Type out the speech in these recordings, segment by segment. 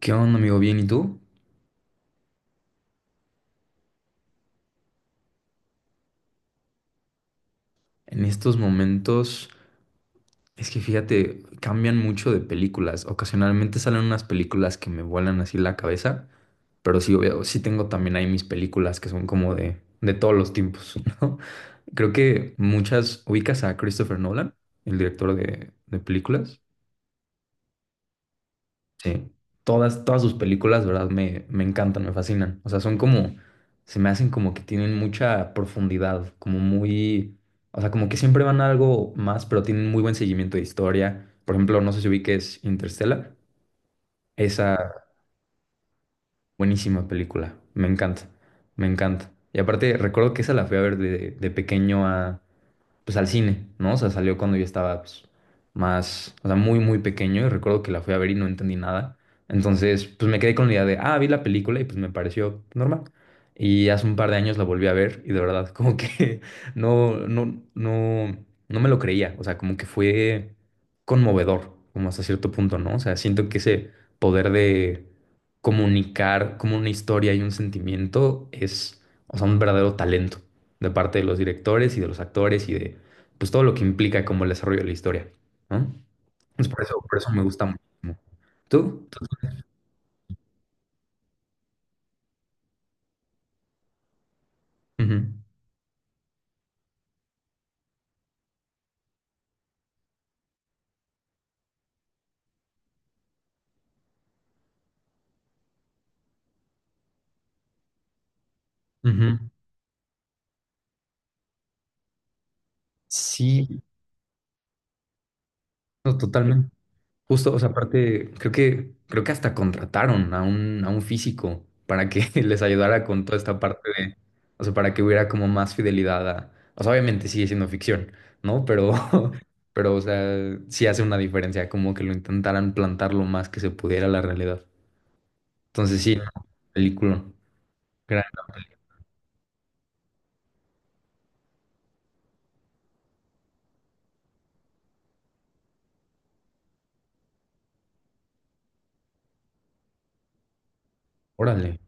¿Qué onda, amigo? Bien, ¿y tú? En estos momentos, es que fíjate, cambian mucho de películas. Ocasionalmente salen unas películas que me vuelan así la cabeza, pero sí, obvio, sí tengo también ahí mis películas que son como de todos los tiempos, ¿no? Creo que muchas ubicas a Christopher Nolan, el director de películas. Sí, todas sus películas, ¿verdad? Me encantan, me fascinan. O sea, son como, se me hacen como que tienen mucha profundidad, como muy, o sea, como que siempre van a algo más, pero tienen muy buen seguimiento de historia. Por ejemplo, no sé si ubiques Interstellar, esa buenísima película, me encanta, me encanta. Y aparte, recuerdo que esa la fui a ver de pequeño a, pues al cine, ¿no? O sea, salió cuando yo estaba pues, más, o sea, muy, muy pequeño y recuerdo que la fui a ver y no entendí nada. Entonces, pues me quedé con la idea de, ah, vi la película y pues me pareció normal. Y hace un par de años la volví a ver y de verdad como que no, no, no, no me lo creía. O sea, como que fue conmovedor, como hasta cierto punto, ¿no? O sea, siento que ese poder de comunicar como una historia y un sentimiento es, o sea, un verdadero talento de parte de los directores y de los actores y de pues todo lo que implica como el desarrollo de la historia, ¿no? Entonces, por eso me gusta muchísimo. ¿Tú? Ujú, ujú. Sí, no, totalmente. Justo, o sea, aparte, creo que hasta contrataron a un físico para que les ayudara con toda esta parte de, o sea, para que hubiera como más fidelidad a, o sea, obviamente sigue siendo ficción, ¿no? Pero, pero, o sea, sí hace una diferencia, como que lo intentaran plantar lo más que se pudiera la realidad. Entonces sí, no, película. Gran. Órale.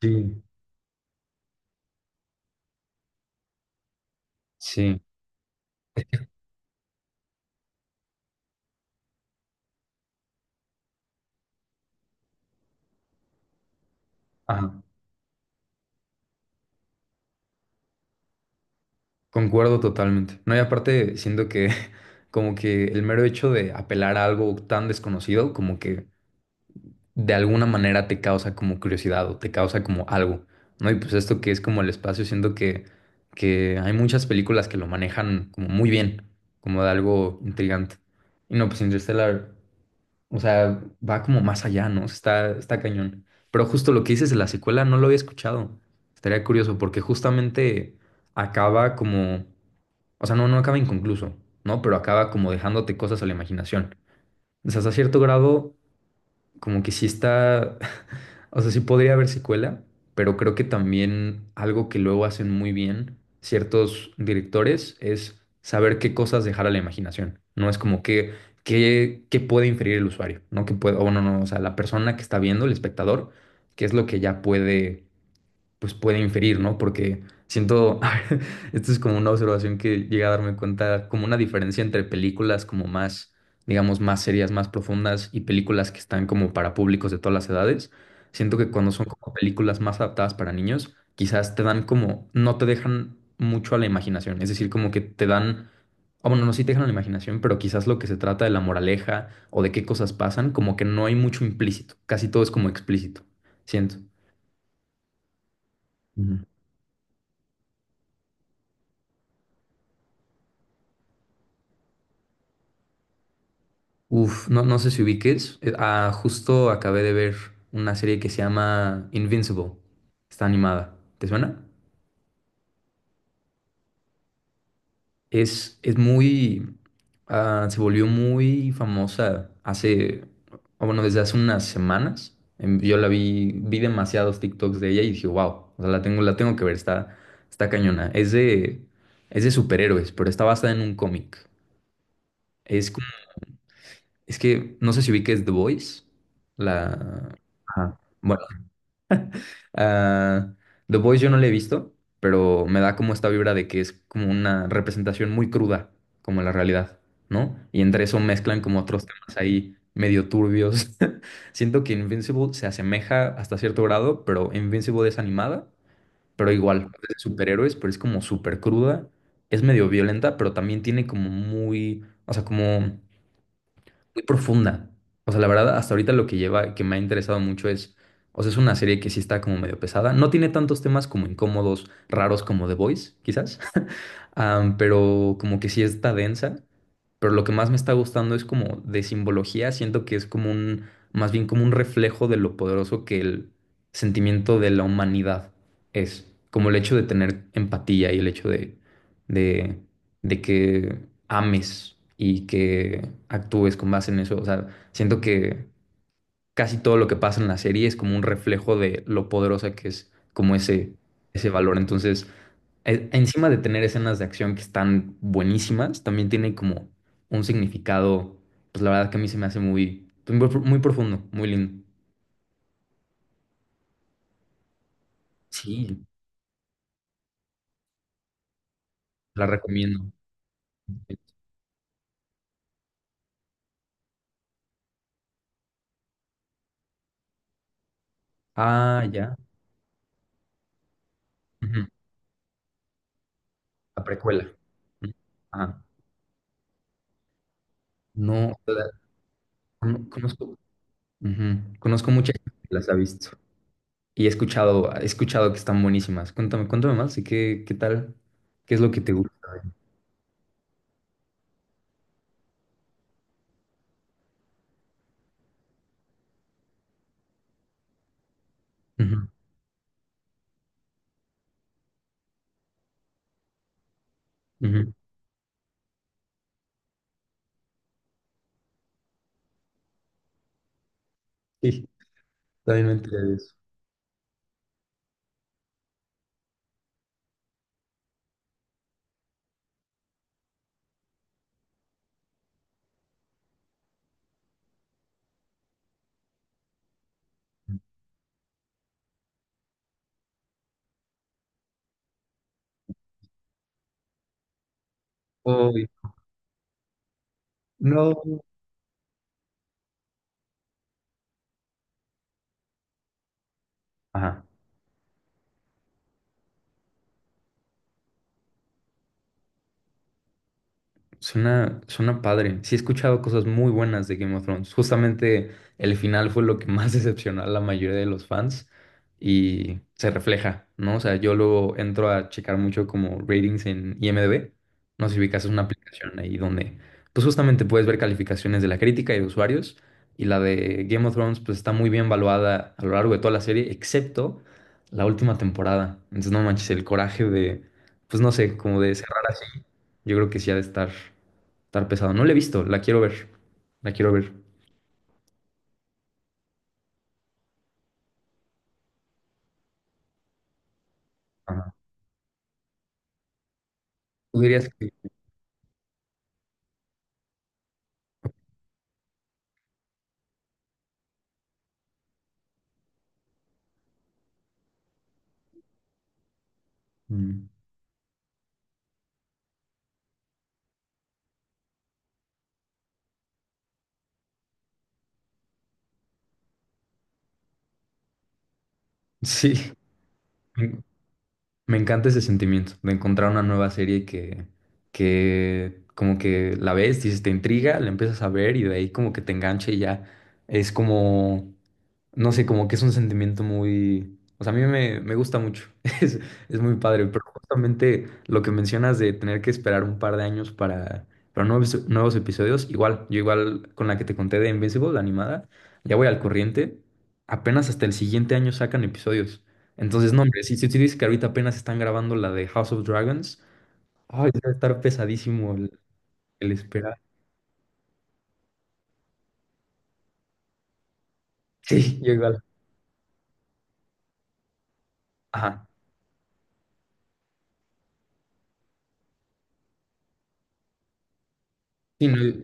Sí. Sí. Ajá. Concuerdo totalmente. No, y aparte siento que como que el mero hecho de apelar a algo tan desconocido, como que de alguna manera te causa como curiosidad o te causa como algo, ¿no? Y pues esto que es como el espacio, siento que hay muchas películas que lo manejan como muy bien, como de algo intrigante. Y no, pues Interstellar. O sea, va como más allá, ¿no? O sea, está, está cañón. Pero justo lo que dices de la secuela no lo había escuchado. Estaría curioso porque justamente acaba como, o sea, no, no acaba inconcluso, ¿no? Pero acaba como dejándote cosas a la imaginación. O sea, hasta cierto grado, como que sí está, o sea, sí podría haber secuela, pero creo que también algo que luego hacen muy bien ciertos directores es saber qué cosas dejar a la imaginación. No es como que, qué, qué puede inferir el usuario, ¿no? Que puede, o no, no, o sea, la persona que está viendo, el espectador, qué es lo que ya puede pues puede inferir, ¿no? Porque siento, esto es como una observación que llegué a darme cuenta, como una diferencia entre películas como más, digamos, más serias, más profundas y películas que están como para públicos de todas las edades. Siento que cuando son como películas más adaptadas para niños, quizás te dan como, no te dejan mucho a la imaginación, es decir, como que te dan... Ah, bueno, no, sí te dejan a la imaginación, pero quizás lo que se trata de la moraleja o de qué cosas pasan, como que no hay mucho implícito, casi todo es como explícito, siento. Ujú. Uf, no, no sé si ubiques. Ah, justo acabé de ver una serie que se llama Invincible. Está animada. ¿Te suena? Es muy... ah, se volvió muy famosa hace... o bueno, desde hace unas semanas. Yo la vi, vi demasiados TikToks de ella y dije, wow, o sea, la tengo que ver, está, está cañona. Es de superhéroes, pero está basada en un cómic. Es como, es que no sé si ubiques The Voice. La... Ajá. Ah, The Boys yo no la he visto, pero me da como esta vibra de que es como una representación muy cruda, como la realidad, ¿no? Y entre eso mezclan como otros temas ahí medio turbios. Siento que Invincible se asemeja hasta cierto grado, pero Invincible es animada, pero igual, es de superhéroes, pero es como súper cruda, es medio violenta, pero también tiene como muy, o sea, como muy profunda. O sea, la verdad, hasta ahorita lo que lleva, que me ha interesado mucho es, o sea, es una serie que sí está como medio pesada. No tiene tantos temas como incómodos, raros como The Voice, quizás, pero como que sí está densa. Pero lo que más me está gustando es como de simbología. Siento que es como un, más bien como un reflejo de lo poderoso que el sentimiento de la humanidad es. Como el hecho de tener empatía y el hecho de, de que ames y que actúes con base en eso. O sea, siento que casi todo lo que pasa en la serie es como un reflejo de lo poderosa que es como ese valor. Entonces e- encima de tener escenas de acción que están buenísimas, también tiene como un significado, pues la verdad que a mí se me hace muy, pues, muy, pro- muy profundo, muy lindo. Sí, la recomiendo. Ah, ya. Ujú, la precuela. Ujú, ah, no, la- con- conozco, ujú, conozco mucha gente que las ha visto y he escuchado que están buenísimas. Cuéntame, cuéntame más, ¿y qué, qué tal? ¿Qué es lo que te gusta? Ujú, ujú. Sí, también me enteré de eso. Uy, no. Ajá, suena, suena padre. Sí he escuchado cosas muy buenas de Game of Thrones. Justamente el final fue lo que más decepcionó a la mayoría de los fans y se refleja, ¿no? O sea, yo luego entro a checar mucho como ratings en IMDb. No sé si ubicas, es una aplicación ahí donde pues justamente puedes ver calificaciones de la crítica y de usuarios y la de Game of Thrones pues está muy bien evaluada a lo largo de toda la serie, excepto la última temporada. Entonces no manches, el coraje de, pues no sé, como de cerrar así. Yo creo que sí ha de estar, estar pesado. No la he visto, la quiero ver. La quiero ver. Ajá. ¿Tú dirías que... Mm, sí, me encanta ese sentimiento de encontrar una nueva serie que como que la ves, dices, te intriga, la empiezas a ver y de ahí como que te engancha y ya es como, no sé, como que es un sentimiento muy, o sea, a mí me, me gusta mucho, es, es muy padre, pero justamente lo que mencionas de tener que esperar un par de años para nuevos, nuevos episodios, igual, yo igual con la que te conté de Invincible, la animada, ya voy al corriente, apenas hasta el siguiente año sacan episodios. Entonces, no, hombre, si, si tú dices que ahorita apenas están grabando la de House of Dragons, ay, debe estar pesadísimo el esperar. Sí, yo igual. Ajá. Sí, no,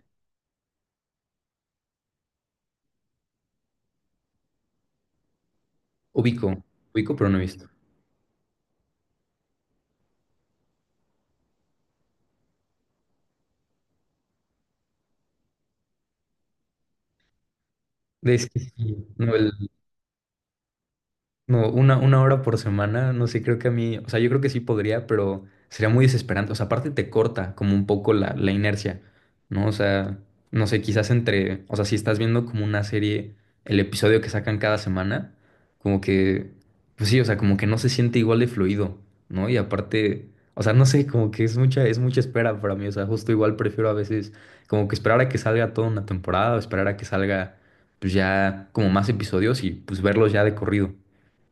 ubico, ubico, pero no he visto. Es que sí, no, el, no, una hora por semana, no sé, creo que a mí, o sea, yo creo que sí podría, pero sería muy desesperante. O sea, aparte te corta como un poco la, la inercia, ¿no? O sea, no sé, quizás entre, o sea, si estás viendo como una serie, el episodio que sacan cada semana, como que, pues sí, o sea, como que no se siente igual de fluido, ¿no? Y aparte, o sea, no sé, como que es mucha espera para mí, o sea, justo igual prefiero a veces como que esperar a que salga toda una temporada o esperar a que salga, pues ya como más episodios y pues verlos ya de corrido.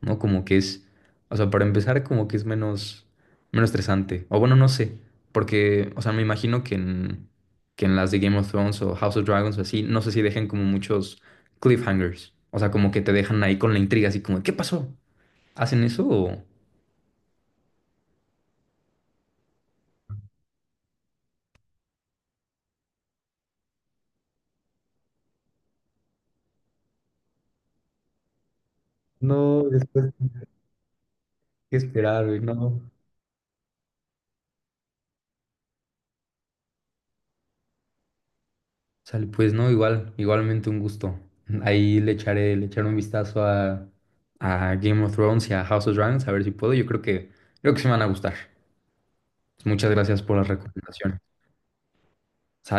¿No? Como que es, o sea, para empezar, como que es menos, menos estresante. O bueno, no sé, porque, o sea, me imagino que en las de Game of Thrones o House of Dragons o así, no sé si dejen como muchos cliffhangers. O sea, como que te dejan ahí con la intriga, así como, ¿qué pasó? ¿Hacen eso o...? No, después hay que esperar, güey, no. Sale, pues no, igual, igualmente un gusto. Ahí le echaré un vistazo a Game of Thrones y a House of Dragons, a ver si puedo. Yo creo que se me van a gustar. Muchas gracias por las recomendaciones.